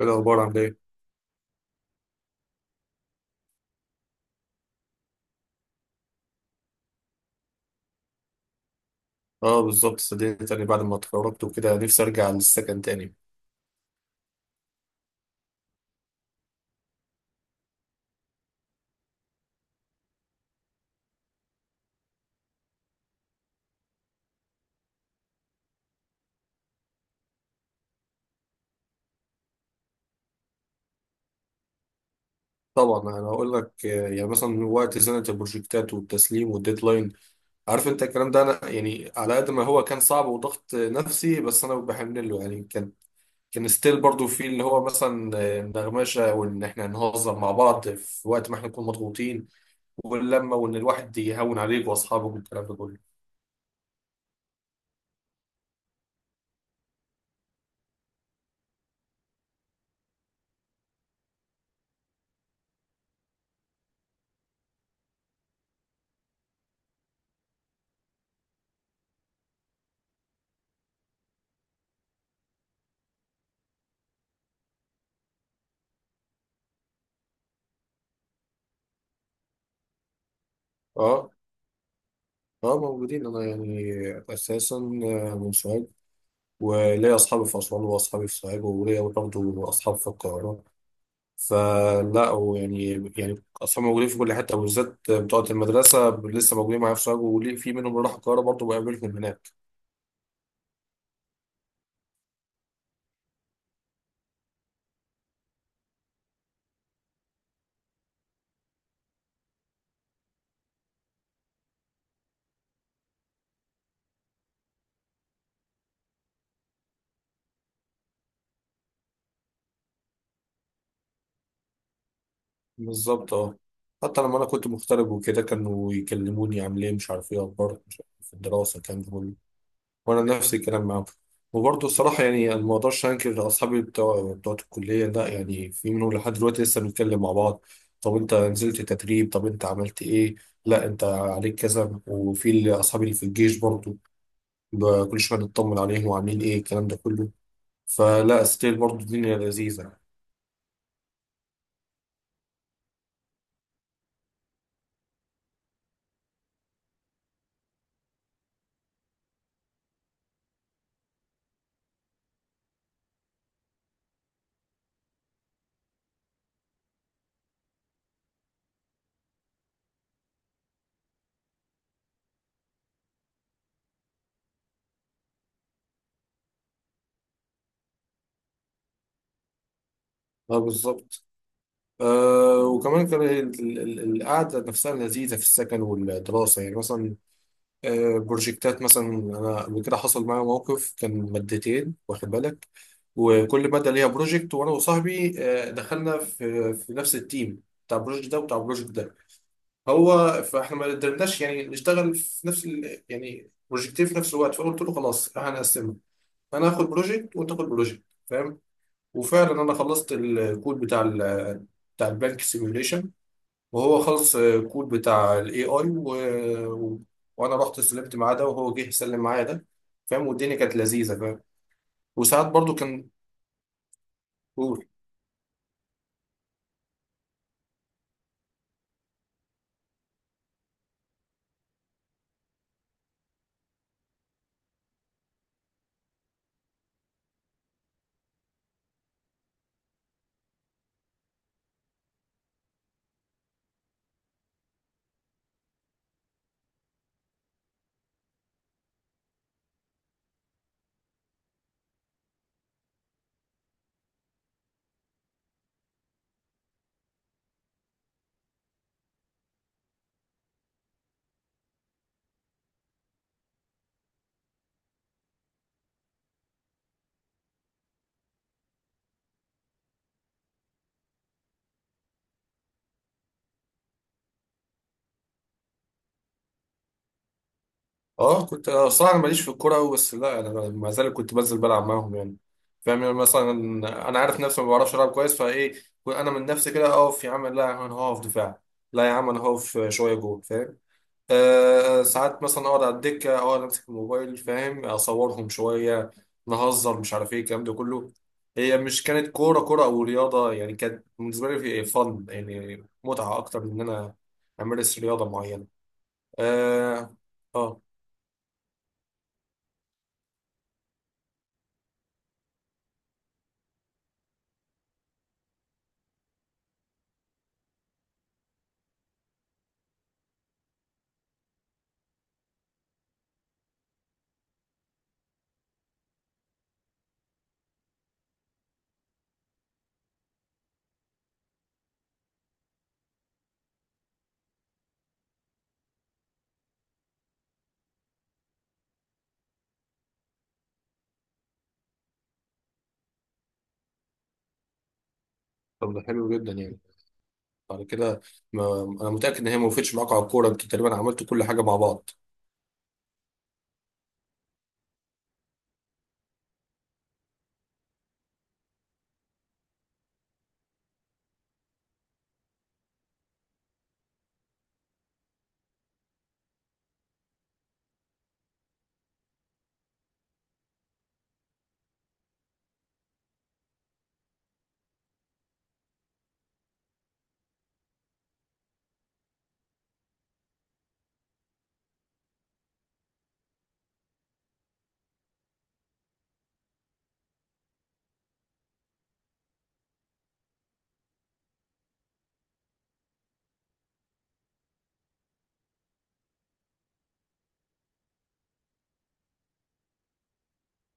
ايه الاخبار عامل ايه؟ اه بالظبط، صدقني تاني بعد ما اتخرجت وكده نفسي ارجع للسكن تاني. طبعا انا هقول لك، يعني مثلا وقت زنقه البروجكتات والتسليم والديدلاين، عارف انت الكلام ده. انا يعني على قد ما هو كان صعب وضغط نفسي، بس انا بحمل له. يعني كان ستيل برضو في اللي هو مثلا النغمشه وان احنا نهزر مع بعض في وقت ما احنا نكون مضغوطين، واللمه وان الواحد يهون عليك واصحابك والكلام ده كله. اه. اه موجودين. انا يعني اساسا من سوهاج، وليا أصحابي في أسوان وأصحابي في سوهاج وليا برضه أصحاب في القاهرة. فلا، ويعني يعني أصحابي موجودين في كل حتة، وبالذات بتوع المدرسة لسه موجودين معايا في سوهاج، وليه في منهم اللي راح القاهرة برضه بقابلهم هناك. بالظبط أه. حتى لما أنا كنت مغترب وكده كانوا يكلموني عامل إيه، مش عارف إيه أخبارك، مش عارف إيه في الدراسة، الكلام ده كله. وانا نفس الكلام معاهم. وبرضه الصراحه يعني انا ما اقدرش انكر اصحابي بتوع الكليه، لا، يعني في منهم لحد دلوقتي لسه بنتكلم مع بعض. طب انت نزلت تدريب، طب انت عملت ايه، لا انت عليك كذا. وفي اصحابي اللي في الجيش برضه، كل شويه نطمن عليهم وعاملين ايه الكلام ده كله. فلا ستيل برضه الدنيا لذيذه. اه بالظبط. آه، وكمان كان القعده نفسها لذيذه في السكن والدراسه. يعني مثلا بروجكتات، مثلا انا قبل كده حصل معايا موقف، كان مادتين واخد بالك، وكل ماده ليها بروجكت. وانا وصاحبي دخلنا في نفس التيم بتاع البروجكت ده وبتاع البروجكت ده. هو فاحنا ما قدرناش يعني نشتغل في نفس يعني بروجكتين في نفس الوقت، فقلت له خلاص احنا هنقسمها، انا هاخد بروجكت وانت تاخد بروجكت، فاهم؟ وفعلا انا خلصت الكود بتاع بتاع البنك سيميوليشن، وهو خلص الكود بتاع الاي اي. و... وانا رحت سلمت معاه ده وهو جه يسلم معايا ده، فاهم؟ والدنيا كانت لذيذه، فاهم؟ وساعات برضو كان، قول. اه، كنت، صراحه انا ماليش في الكوره أوي، بس لا انا ما زال كنت بنزل بلعب معاهم. يعني فاهم، يعني مثلا انا عارف نفسي ما بعرفش العب كويس، فايه؟ انا من نفسي كده اقف، يا عم لا، يا عم انا هقف دفاع، لا يا عم انا هقف شويه جول، فاهم؟ أه ساعات مثلا اقعد على الدكه، اقعد امسك الموبايل فاهم، اصورهم شويه، نهزر، مش عارف ايه، الكلام ده كله. هي مش كانت كوره او رياضه، يعني كانت بالنسبه لي في إيه، فن، يعني متعه اكتر من ان انا امارس رياضه معينه. اه. اه. طب ده حلو جدا. يعني بعد كده ما انا متاكد ان هي ما وقفتش معاك على الكوره، انتوا تقريبا عملتوا كل حاجه مع بعض.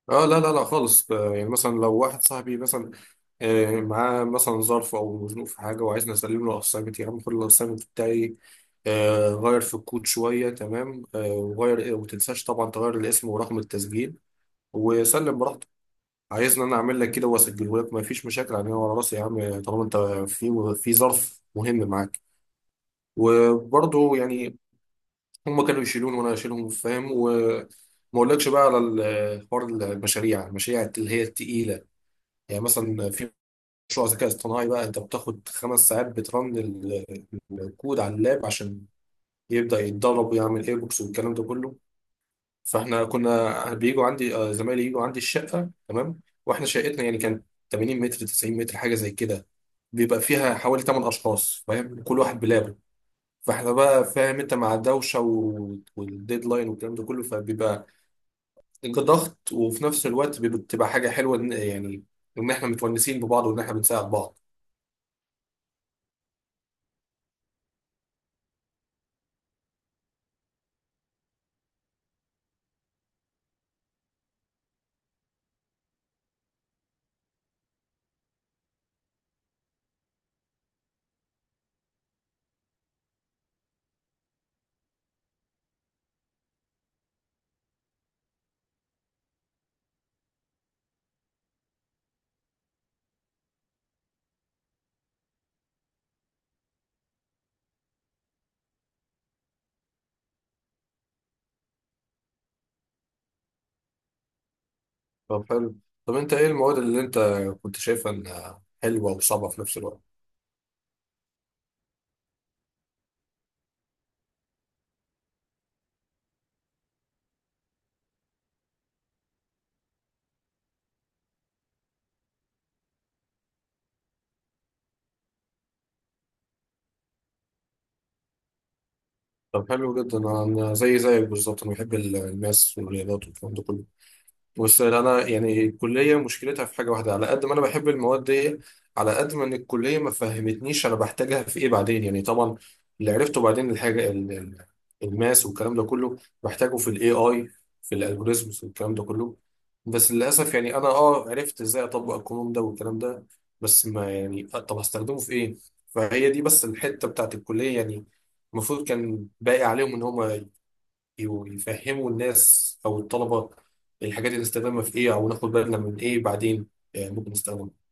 اه لا لا لا خالص. يعني مثلا لو واحد صاحبي مثلا معاه مثلا ظرف او مزنوق في حاجه وعايزني اسلم له الاسايمنت، يا عم خد الاسايمنت بتاعي، غير في الكود شويه، تمام، وغير وما تنساش طبعا تغير الاسم ورقم التسجيل وسلم براحتك. عايزني انا اعمل لك كده واسجله لك؟ مفيش مشاكل يعني، ورا راسي يا عم، طالما انت في ظرف مهم معاك. وبرضه يعني هم كانوا يشيلون وانا اشيلهم، فاهم؟ وما اقولكش بقى على حوار المشاريع اللي هي التقيله. يعني مثلا في مشروع ذكاء اصطناعي بقى، انت بتاخد خمس ساعات بترن الكود على اللاب عشان يبدا يتدرب ويعمل ايربوكس والكلام ده كله. فاحنا كنا بيجوا عندي، زمايلي يجوا عندي الشقه، تمام؟ واحنا شقتنا يعني كانت 80 متر، 90 متر، حاجه زي كده، بيبقى فيها حوالي 8 اشخاص، فاهم؟ كل واحد بلابه، فاحنا بقى فاهم انت، مع الدوشه و- والديدلاين والكلام ده كله، فبيبقى ضغط. وفي نفس الوقت بتبقى حاجه حلوه، يعني ان احنا متونسين ببعض وان احنا بنساعد بعض. طب حلو. طب انت ايه المواد اللي انت كنت شايفها انها حلوه وصعبه في نفس الوقت؟ طب حلو جدا. أنا زي زيك بالظبط، انا بحب الماس والرياضات والكلام ده كله. بص، انا يعني الكليه مشكلتها في حاجه واحده، على قد ما انا بحب المواد دي على قد ما ان الكليه ما فهمتنيش انا بحتاجها في ايه بعدين. يعني طبعا اللي عرفته بعدين، الحاجه الماس والكلام ده كله بحتاجه في الاي اي، في الالجوريزمز والكلام ده كله. بس للاسف يعني انا اه عرفت ازاي اطبق القانون ده والكلام ده، بس ما يعني، طب هستخدمه في ايه؟ فهي دي بس الحته بتاعت الكليه يعني، المفروض كان باقي عليهم ان هم يفهموا الناس او الطلبه الحاجات اللي نستخدمها في ايه، او ناخد بالنا من ايه بعدين ممكن نستخدمها.